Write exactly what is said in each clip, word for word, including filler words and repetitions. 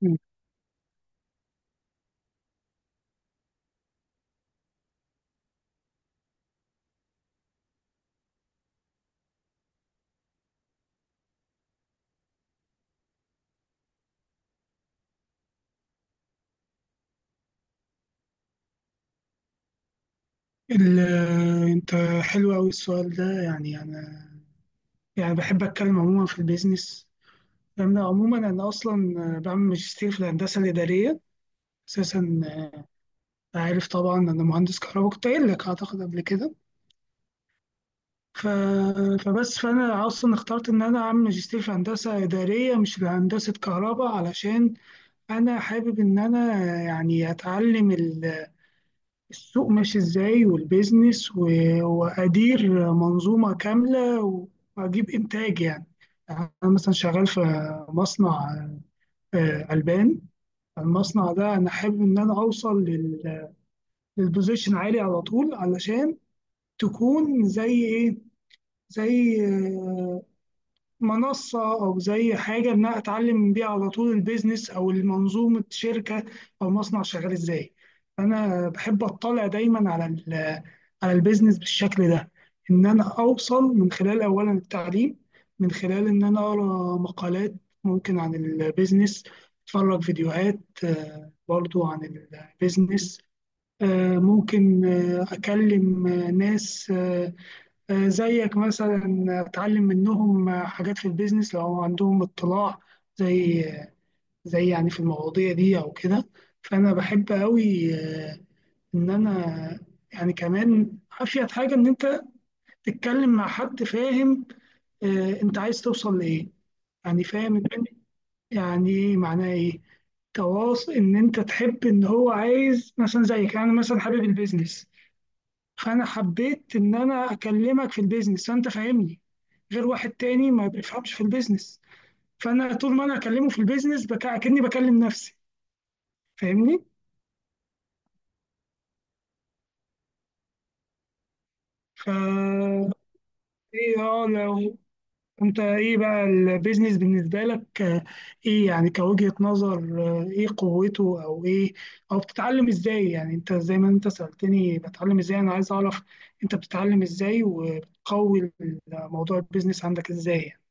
مم. ال- انت حلو قوي السؤال ده. يعني انا يعني بحب اتكلم عموما في البيزنس. انا عموما انا اصلا بعمل ماجستير في الهندسه الاداريه اساسا. عارف طبعا انا مهندس كهرباء، كنت قايل لك اعتقد قبل كده. ف... فبس فانا اصلا اخترت ان انا اعمل ماجستير في هندسه اداريه مش في هندسه كهرباء، علشان انا حابب ان انا يعني اتعلم السوق ماشي ازاي، والبيزنس و- وادير منظومه كامله واجيب انتاج. يعني يعني انا مثلا شغال في مصنع، آه، البان. المصنع ده انا حابب ان انا اوصل لل- للبوزيشن عالي على طول، علشان تكون زي ايه، زي آه، منصة، أو زي حاجة إن أنا أتعلم بيها على طول البيزنس أو المنظومة شركة أو مصنع شغال إزاي. أنا بحب أطلع دايما على ال- على البيزنس بالشكل ده، إن أنا أوصل من خلال أولا التعليم، من خلال إن أنا أقرأ مقالات ممكن عن البيزنس، أتفرج فيديوهات آه، برضو عن البيزنس. آه، ممكن آه، أكلم آه، ناس آه، آه، زيك مثلا، اتعلم منهم آه، حاجات في البيزنس لو هم عندهم اطلاع زي زي يعني في المواضيع دي او كده. فانا بحب قوي آه، ان انا يعني كمان افيد حاجه، ان انت تتكلم مع حد فاهم آه، انت عايز توصل لايه، يعني فاهم إن- يعني إيه معناه، ايه تواصل، ان انت تحب ان هو عايز مثلا زيك. انا مثلا حابب البيزنس، فانا حبيت ان انا اكلمك في البيزنس، فانت فاهمني، غير واحد تاني ما بيفهمش في البيزنس. فانا طول ما انا اكلمه في البيزنس بك... اكني بكلم نفسي، فاهمني. ف ايه، اه، لو انت ايه بقى البيزنس بالنسبه لك؟ آه، ايه يعني كوجهة نظر؟ آه، ايه قوته، او ايه، او بتتعلم ازاي؟ يعني انت زي ما انت سألتني بتعلم ازاي، انا عايز اعرف انت بتتعلم ازاي وبتقوي موضوع البيزنس عندك ازاي يعني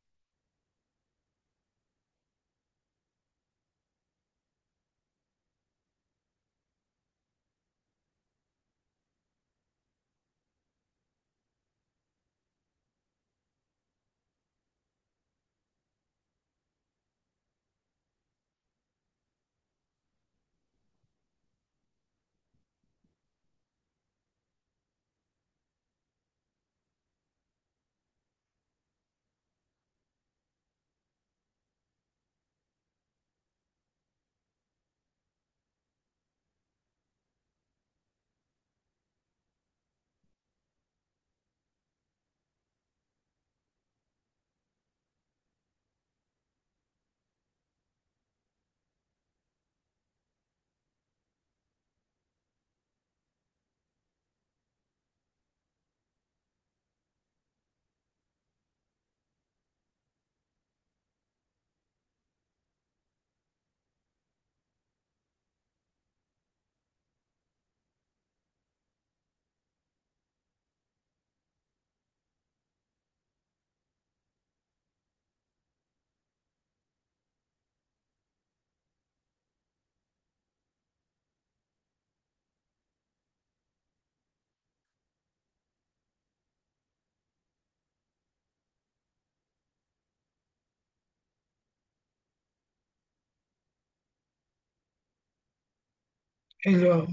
حلو أوي.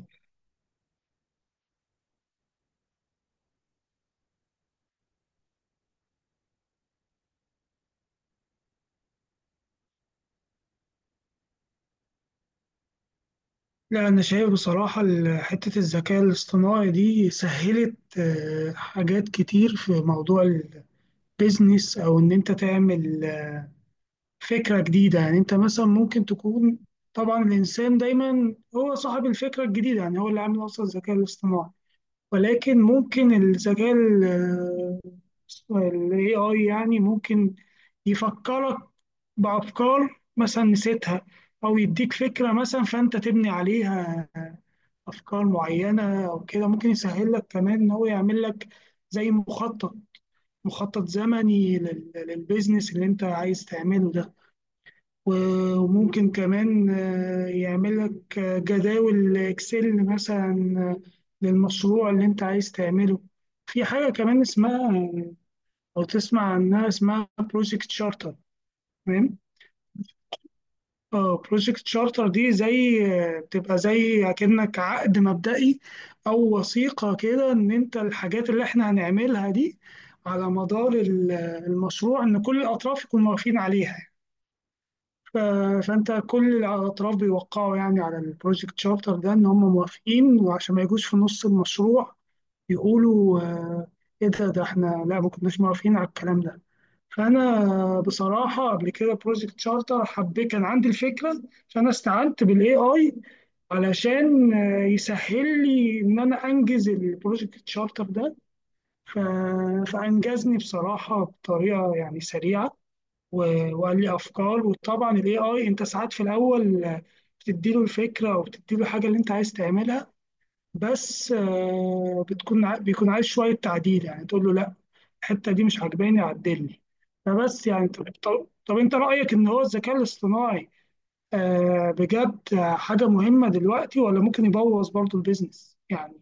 لا، أنا شايف بصراحة ال- حتة الذكاء الاصطناعي دي سهلت آه، حاجات كتير في موضوع البيزنس، أو إن أنت تعمل آه، فكرة جديدة. يعني أنت مثلا ممكن تكون، طبعا الإنسان دايما هو صاحب الفكرة الجديدة، يعني هو اللي عامل أصلا الذكاء الاصطناعي، ولكن ممكن الذكاء ال- آه، ال إيه آي يعني ممكن يفكرك بأفكار مثلا نسيتها، أو يديك فكرة مثلا فأنت تبني عليها افكار معينه او كده. ممكن يسهل لك كمان ان هو يعمل لك زي مخطط مخطط زمني لل- للبيزنس اللي انت عايز تعمله ده. و- وممكن كمان آه، يعمل لك آه، جداول اكسل مثلا آه، للمشروع اللي انت عايز تعمله. في حاجه كمان اسمها، او تسمع عنها، اسمها بروجكت شارتر. اه، بروجكت شارتر دي زي، بتبقى زي كأنك عقد مبدئي، أو وثيقة كده، إن أنت الحاجات اللي إحنا هنعملها دي على مدار ال- المشروع إن كل الأطراف يكونوا موافقين عليها. ف- فأنت كل الأطراف بيوقعوا يعني على البروجكت شارتر ده إن هم موافقين، وعشان ما يجوش في نص المشروع يقولوا آه، إيه ده، ده إحنا لا، ما كناش موافقين على الكلام ده. فانا بصراحه قبل كده بروجكت شارتر حبيت، كان عندي الفكره، فانا استعنت بالاي اي علشان آه، يسهل لي ان انا انجز البروجكت شارتر ده. ف- فانجزني بصراحه بطريقه يعني سريعه، و- وقال لي افكار. وطبعا الاي اي انت ساعات في الاول آه، بتديله الفكره او بتديله الحاجه اللي انت عايز تعملها، بس آه، بتكون ع- بيكون عايز شويه تعديل، يعني تقول له لا، الحته دي مش عجباني، عدلني. فبس يعني طب, طب, طب انت رايك ان هو الذكاء الاصطناعي آه بجد آه، حاجه مهمه دلوقتي، ولا ممكن يبوظ برضو البيزنس يعني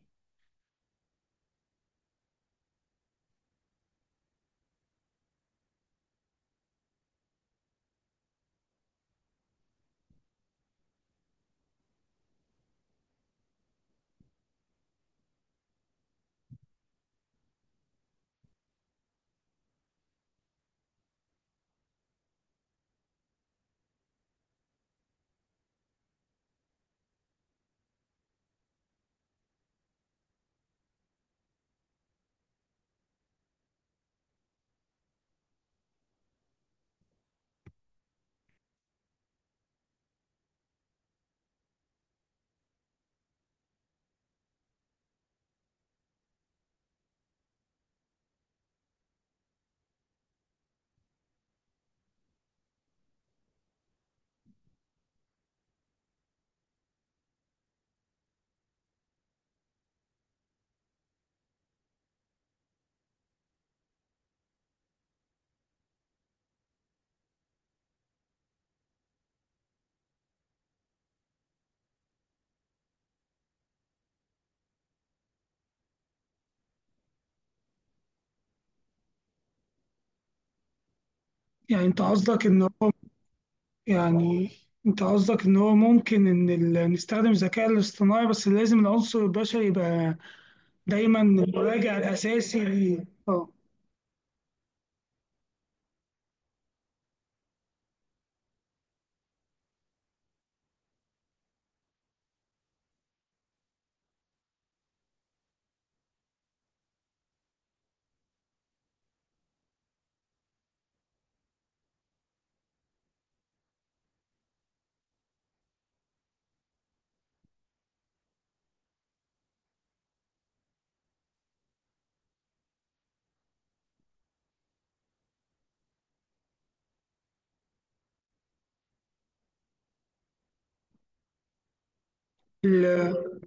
يعني انت قصدك ان هو يعني انت قصدك ان هو ممكن ان ال- نستخدم الذكاء الاصطناعي، بس لازم العنصر البشري يبقى دايما المراجع الاساسي ليه، اه. ال-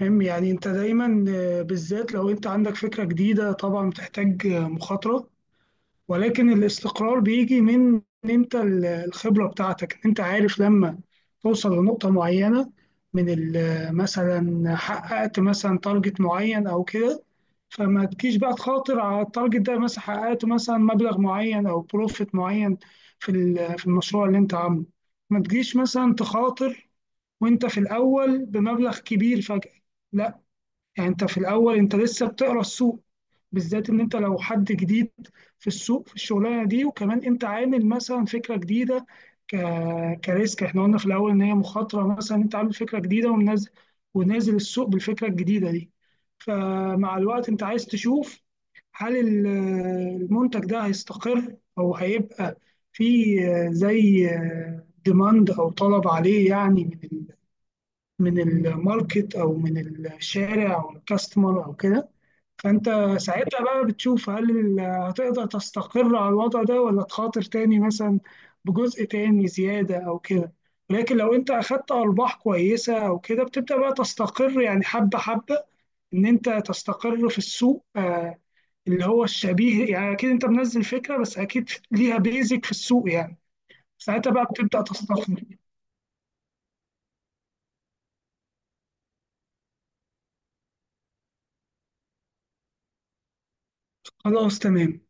المهم يعني انت دايما آه، بالذات لو انت عندك فكره جديده طبعا بتحتاج آه، مخاطره، ولكن الاستقرار بيجي من إن انت ال- الخبرة بتاعتك، ان انت عارف لما توصل لنقطة معينة، من ال- مثلا حققت مثلا تارجت معين او كده، فما تجيش بقى تخاطر على التارجت ده. مثلا حققت مثلا مبلغ معين او بروفيت معين في ال- في المشروع اللي انت عامله، ما تجيش مثلا تخاطر وانت في الاول بمبلغ كبير فجأة. لا. يعني انت في الاول انت لسه بتقرا السوق، بالذات ان انت لو حد جديد في السوق في الشغلانه دي، وكمان انت عامل مثلا فكره جديده ك... كريسك. احنا قلنا في الاول ان هي مخاطره، مثلا انت عامل فكره جديده ومنزل، ونازل السوق بالفكره الجديده دي. فمع الوقت انت عايز تشوف هل ال- المنتج ده هيستقر او هيبقى في زي ديماند او طلب عليه، يعني من ال- من الماركت او من الشارع او الكاستمر او كده. فانت ساعتها بقى بتشوف هل ال- هتقدر تستقر على الوضع ده، ولا تخاطر تاني مثلا بجزء تاني زيادة او كده. لكن لو انت اخدت ارباح كويسة او كده بتبدأ بقى تستقر، يعني حبة حبة ان انت تستقر في السوق. آه، اللي هو الشبيه، يعني اكيد انت منزل فكرة بس اكيد ليها بيزك في السوق يعني ساعتها بقى بتبدأ تستقر. خلاص تمام.